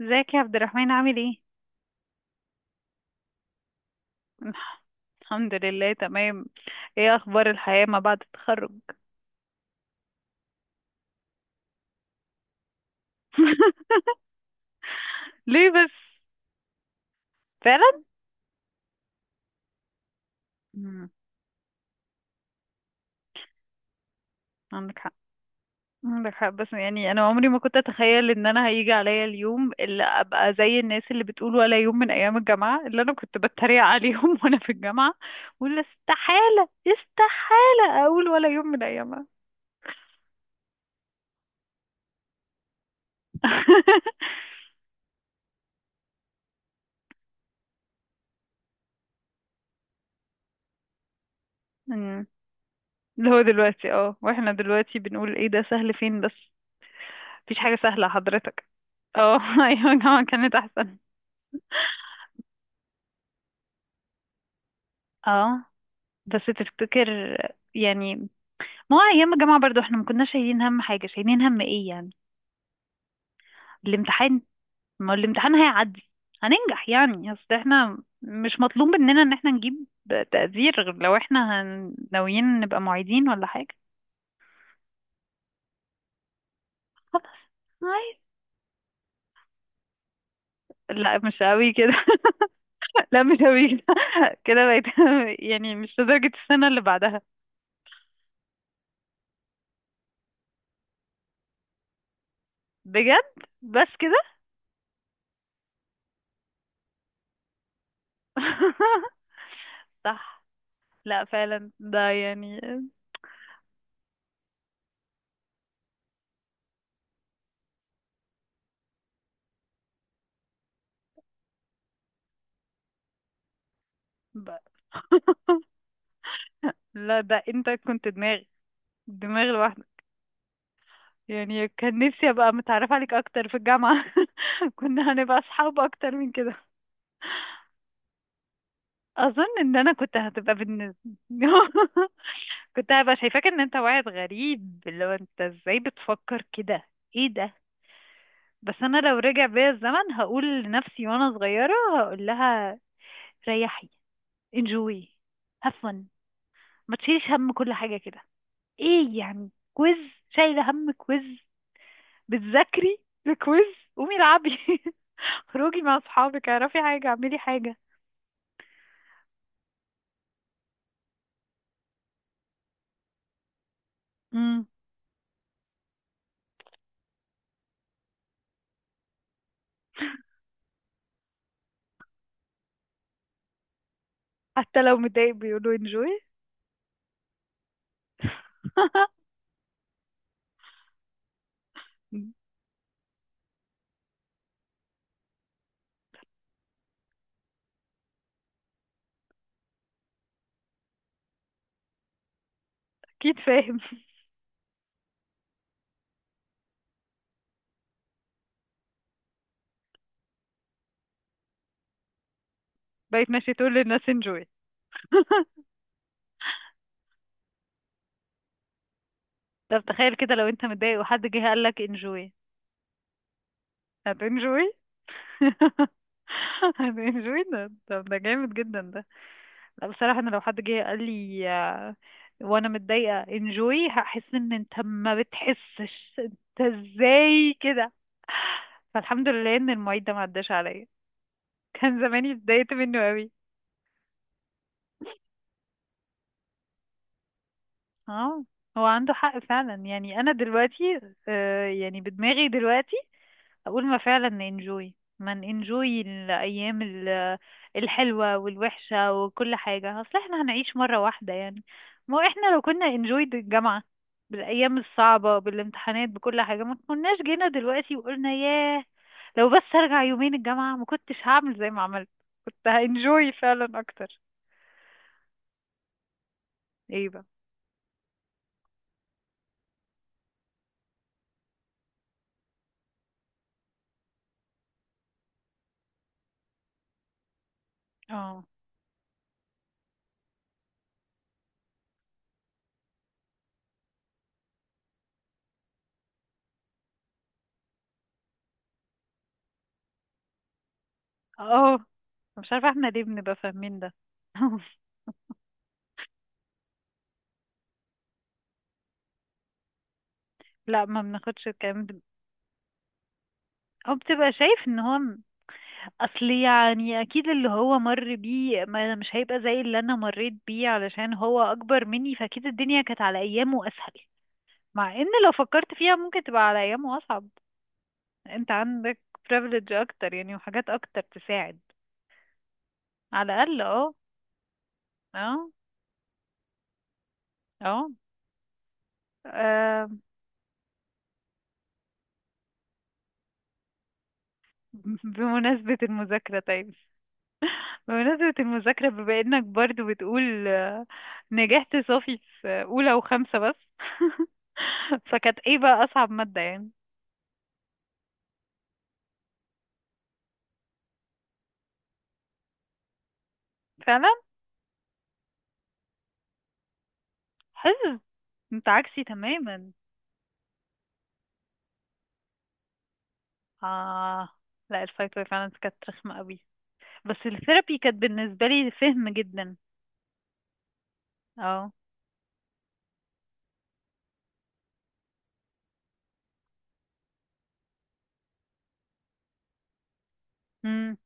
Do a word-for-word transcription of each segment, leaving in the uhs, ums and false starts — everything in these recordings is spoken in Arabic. ازيك يا عبد الرحمن، عامل ايه؟ الحمد لله تمام. ايه اخبار الحياة ما بعد التخرج؟ ليه بس؟ فعلا؟ مم. عندك حق. عندك حق، بس يعني انا عمري ما كنت اتخيل ان انا هيجي عليا اليوم اللي ابقى زي الناس اللي بتقول ولا يوم من ايام الجامعة اللي انا كنت بتريق عليهم، وانا في الجامعة. ولا استحالة، استحالة اقول ولا يوم من ايامها. مم. اللي هو دلوقتي، اه، واحنا دلوقتي بنقول ايه ده، سهل فين بس؟ مفيش حاجة سهلة حضرتك. اه، ايوه الجامعة كانت احسن. اه، بس تفتكر يعني، ما هو ايام الجامعة برضو احنا ما كناش شايلين هم حاجة، شايلين هم ايه يعني؟ الامتحان، ما هو الامتحان هيعدي، هننجح يعني. اصل احنا مش مطلوب مننا ان احنا نجيب تقدير، غير لو احنا هن- ناويين نبقى معيدين ولا حاجة. عادي. لا مش قوي كده. لا مش قوي كده. كده بقيت؟ يعني مش لدرجة السنة اللي بعدها. بجد؟ بس كده؟ صح. لا فعلا ده يعني ب- لا ده انت كنت دماغ، دماغ لوحدك. يعني كان نفسي ابقى متعرفة عليك اكتر في الجامعة. كنا هنبقى اصحاب اكتر من كده. اظن ان انا كنت هتبقى بالنسبة كنت هبقى شايفاك ان انت واحد غريب، اللي هو انت ازاي بتفكر كده؟ ايه ده؟ بس انا لو رجع بيا الزمن هقول لنفسي وانا صغيرة، هقول لها ريحي، enjoy، have fun، ما تشيليش هم كل حاجة كده. ايه يعني كويز؟ شايله هم كويز؟ بتذاكري لكويز؟ قومي العبي، خروجي مع اصحابك، اعرفي حاجه، اعملي حاجه. امم. حتى لو متضايق بيقولوا انجوي. اكيد فاهم. بقيت ماشي تقول للناس انجوي؟ طب تخيل كده، لو انت متضايق وحد جه قال لك انجوي؟ هتنجوي. هتنجوي ده، طب ده جامد جدا ده. لا بصراحة انا لو حد جه قال لي، آه، وانا متضايقة، انجوي، هحس ان انت ما بتحسش. انت ازاي كده؟ فالحمد لله ان المعيد ده ما عداش عليا، كان زماني اتضايقت منه قوي. اه، هو عنده حق فعلا. يعني انا دلوقتي، آه، يعني بدماغي دلوقتي أقول ما فعلا ننجوي، ما ننجوي الأيام ال- الحلوة والوحشة وكل حاجة، أصل احنا هنعيش مرة واحدة يعني. ما هو احنا لو كنا انجوي الجامعة بالأيام الصعبة، بالامتحانات، بكل حاجة، ما كناش جينا دلوقتي وقلنا ياه، لو بس أرجع يومين الجامعة ما كنتش هعمل زي ما عملت، كنت هانجوي فعلا أكتر. ايه بقى؟ اه. اه. مش عارفة احنا ليه بنبقى فاهمين ده. لا ما بناخدش الكلام ده. او بتبقى شايف ان هو، اصل يعني اكيد اللي هو مر بيه، ما أنا مش هيبقى زي اللي انا مريت بيه، علشان هو اكبر مني فاكيد الدنيا كانت على ايامه اسهل. مع ان لو فكرت فيها ممكن تبقى على ايامه اصعب. انت عندك privilege اكتر يعني، وحاجات اكتر تساعد. على الاقل، اه. اه. اه. آه، بمناسبة المذاكرة طيب. بمناسبة المذاكرة، بما انك برضو بتقول آه، نجحت صافي في اولى وخمسة بس. فكانت ايه بقى اصعب مادة يعني؟ فعلا. حلو. انت عكسي تماما. اه لا، الفايت واي فعلا كانت رخمة قوي، بس الثيرابي كانت بالنسبة لي فهم جدا. اه. امم.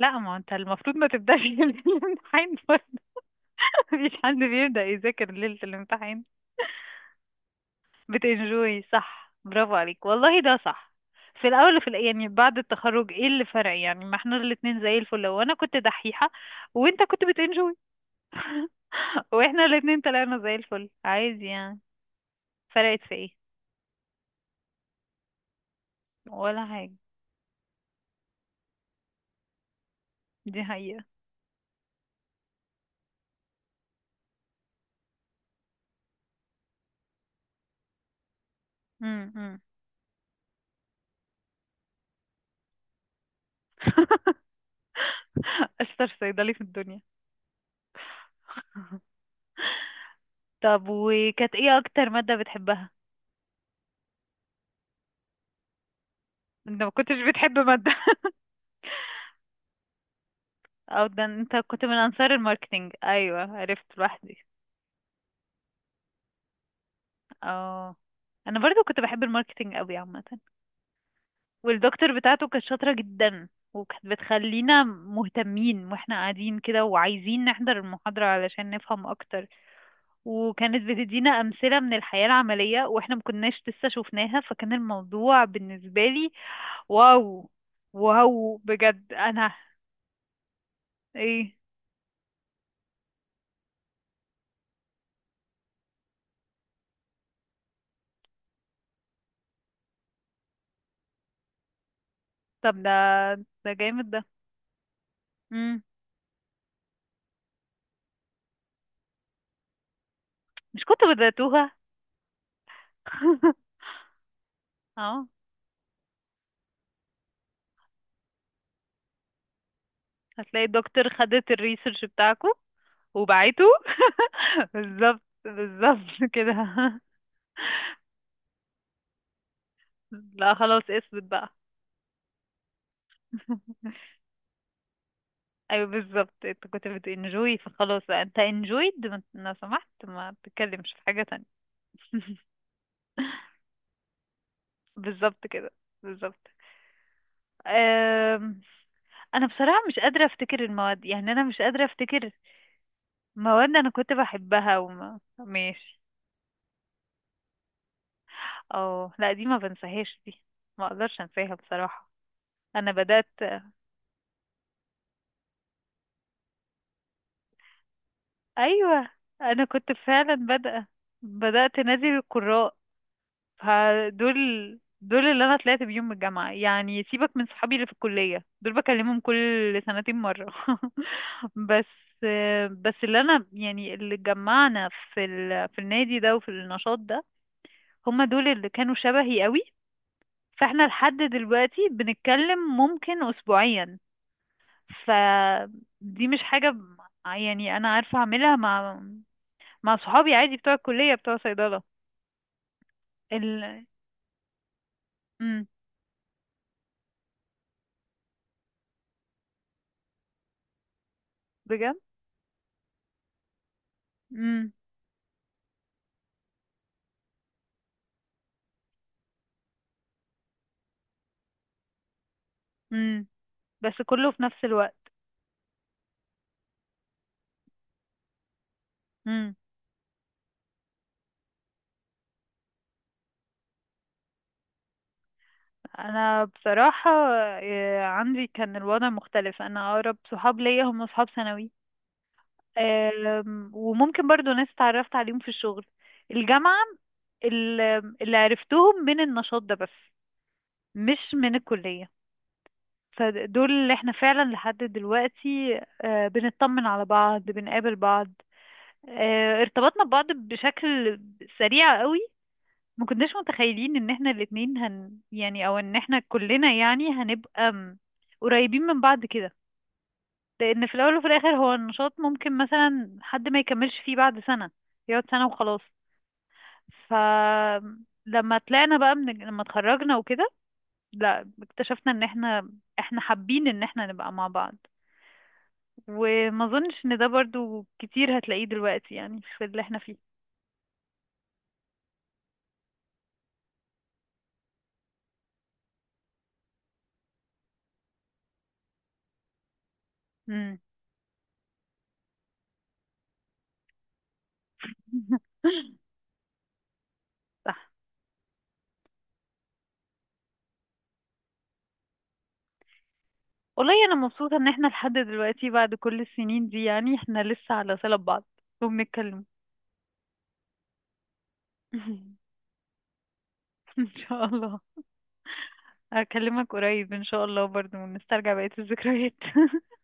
لا ما انت المفروض ما تبدأش ليلة الامتحان برضه. مفيش حد بيبدأ يذاكر ليلة الامتحان. بتنجوي، صح، برافو عليك والله، ده صح. في الاول وفي الآ- يعني بعد التخرج ايه اللي فرق يعني؟ ما احنا الاتنين زي الفل، وانا كنت دحيحة وانت كنت بتنجوي. واحنا الاتنين طلعنا زي الفل، عايز يعني. فرقت في ايه؟ ولا حاجة. دي حقيقة. مم، مم. اشطر صيدلي في الدنيا. طب وكانت ايه اكتر مادة بتحبها؟ انت ما كنتش بتحب مادة؟ او ده انت كنت من انصار الماركتينج، ايوه عرفت لوحدي. اه، انا برضو كنت بحب الماركتينج قوي عامه، والدكتور بتاعته كانت شاطره جدا، وكانت بتخلينا مهتمين واحنا قاعدين كده وعايزين نحضر المحاضره علشان نفهم اكتر، وكانت بتدينا أمثلة من الحياة العملية واحنا مكناش لسه شفناها، فكان الموضوع بالنسبة لي واو، واو بجد انا. ايه؟ طب ده، ده جامد ده. مم. مش كنت بدأتوها؟ اه، هتلاقي الدكتور خدت الريسيرش بتاعكو وبعته. بالظبط، بالظبط كده. لا خلاص، اثبت بقى. ايوه بالظبط انت كنت بتنجوي، فخلاص بقى، انت انجويد، لو سمحت ما تتكلمش في حاجة تانية. بالظبط كده. بالظبط. أم، انا بصراحة مش قادرة افتكر المواد، يعني انا مش قادرة افتكر مواد انا كنت بحبها وما ماشي. اه لا دي ما بنساهاش دي، ما اقدرش انساها بصراحة. انا بدأت، ايوه انا كنت فعلا بادئة، بدأت نادي القراء. فدول، دول اللي انا طلعت بيهم من الجامعة يعني، سيبك من صحابي اللي في الكلية، دول بكلمهم كل سنتين مرة. بس، بس اللي انا يعني، اللي جمعنا في ال... في النادي ده وفي النشاط ده، هما دول اللي كانوا شبهي قوي. فاحنا لحد دلوقتي بنتكلم ممكن اسبوعيا. فدي مش حاجة ب- يعني انا عارفة اعملها مع مع صحابي عادي بتوع الكلية بتوع صيدلة. ال... امم. بجد. امم. بس كله في نفس الوقت. امم. انا بصراحة، آه، عندي كان الوضع مختلف، انا اقرب صحاب ليا هم صحاب ثانوي. آم، وممكن برضو ناس اتعرفت عليهم في الشغل، الجامعة، ال- اللي عرفتهم من النشاط ده بس، مش من الكلية. فدول اللي احنا فعلا لحد دلوقتي آه، بنطمن على بعض، بنقابل بعض، آه، ارتبطنا ببعض بشكل سريع قوي. ما كناش متخيلين ان احنا الاتنين هن يعني، او ان احنا كلنا يعني هنبقى م- قريبين من بعض كده. لان في الاول وفي الاخر هو النشاط ممكن مثلا حد ما يكملش فيه بعد سنة، يقعد سنة وخلاص. ف لما طلعنا بقى، من لما اتخرجنا وكده، لا اكتشفنا ان احنا، احنا حابين ان احنا نبقى مع بعض. وما اظنش ان ده برضو كتير هتلاقيه دلوقتي يعني في اللي احنا فيه. امم. والله انا مبسوطه ان احنا لحد دلوقتي بعد كل السنين دي يعني احنا لسه على صله ببعض وبنتكلم. ان شاء الله. اكلمك قريب ان شاء الله برضو، ونسترجع بقيه الذكريات.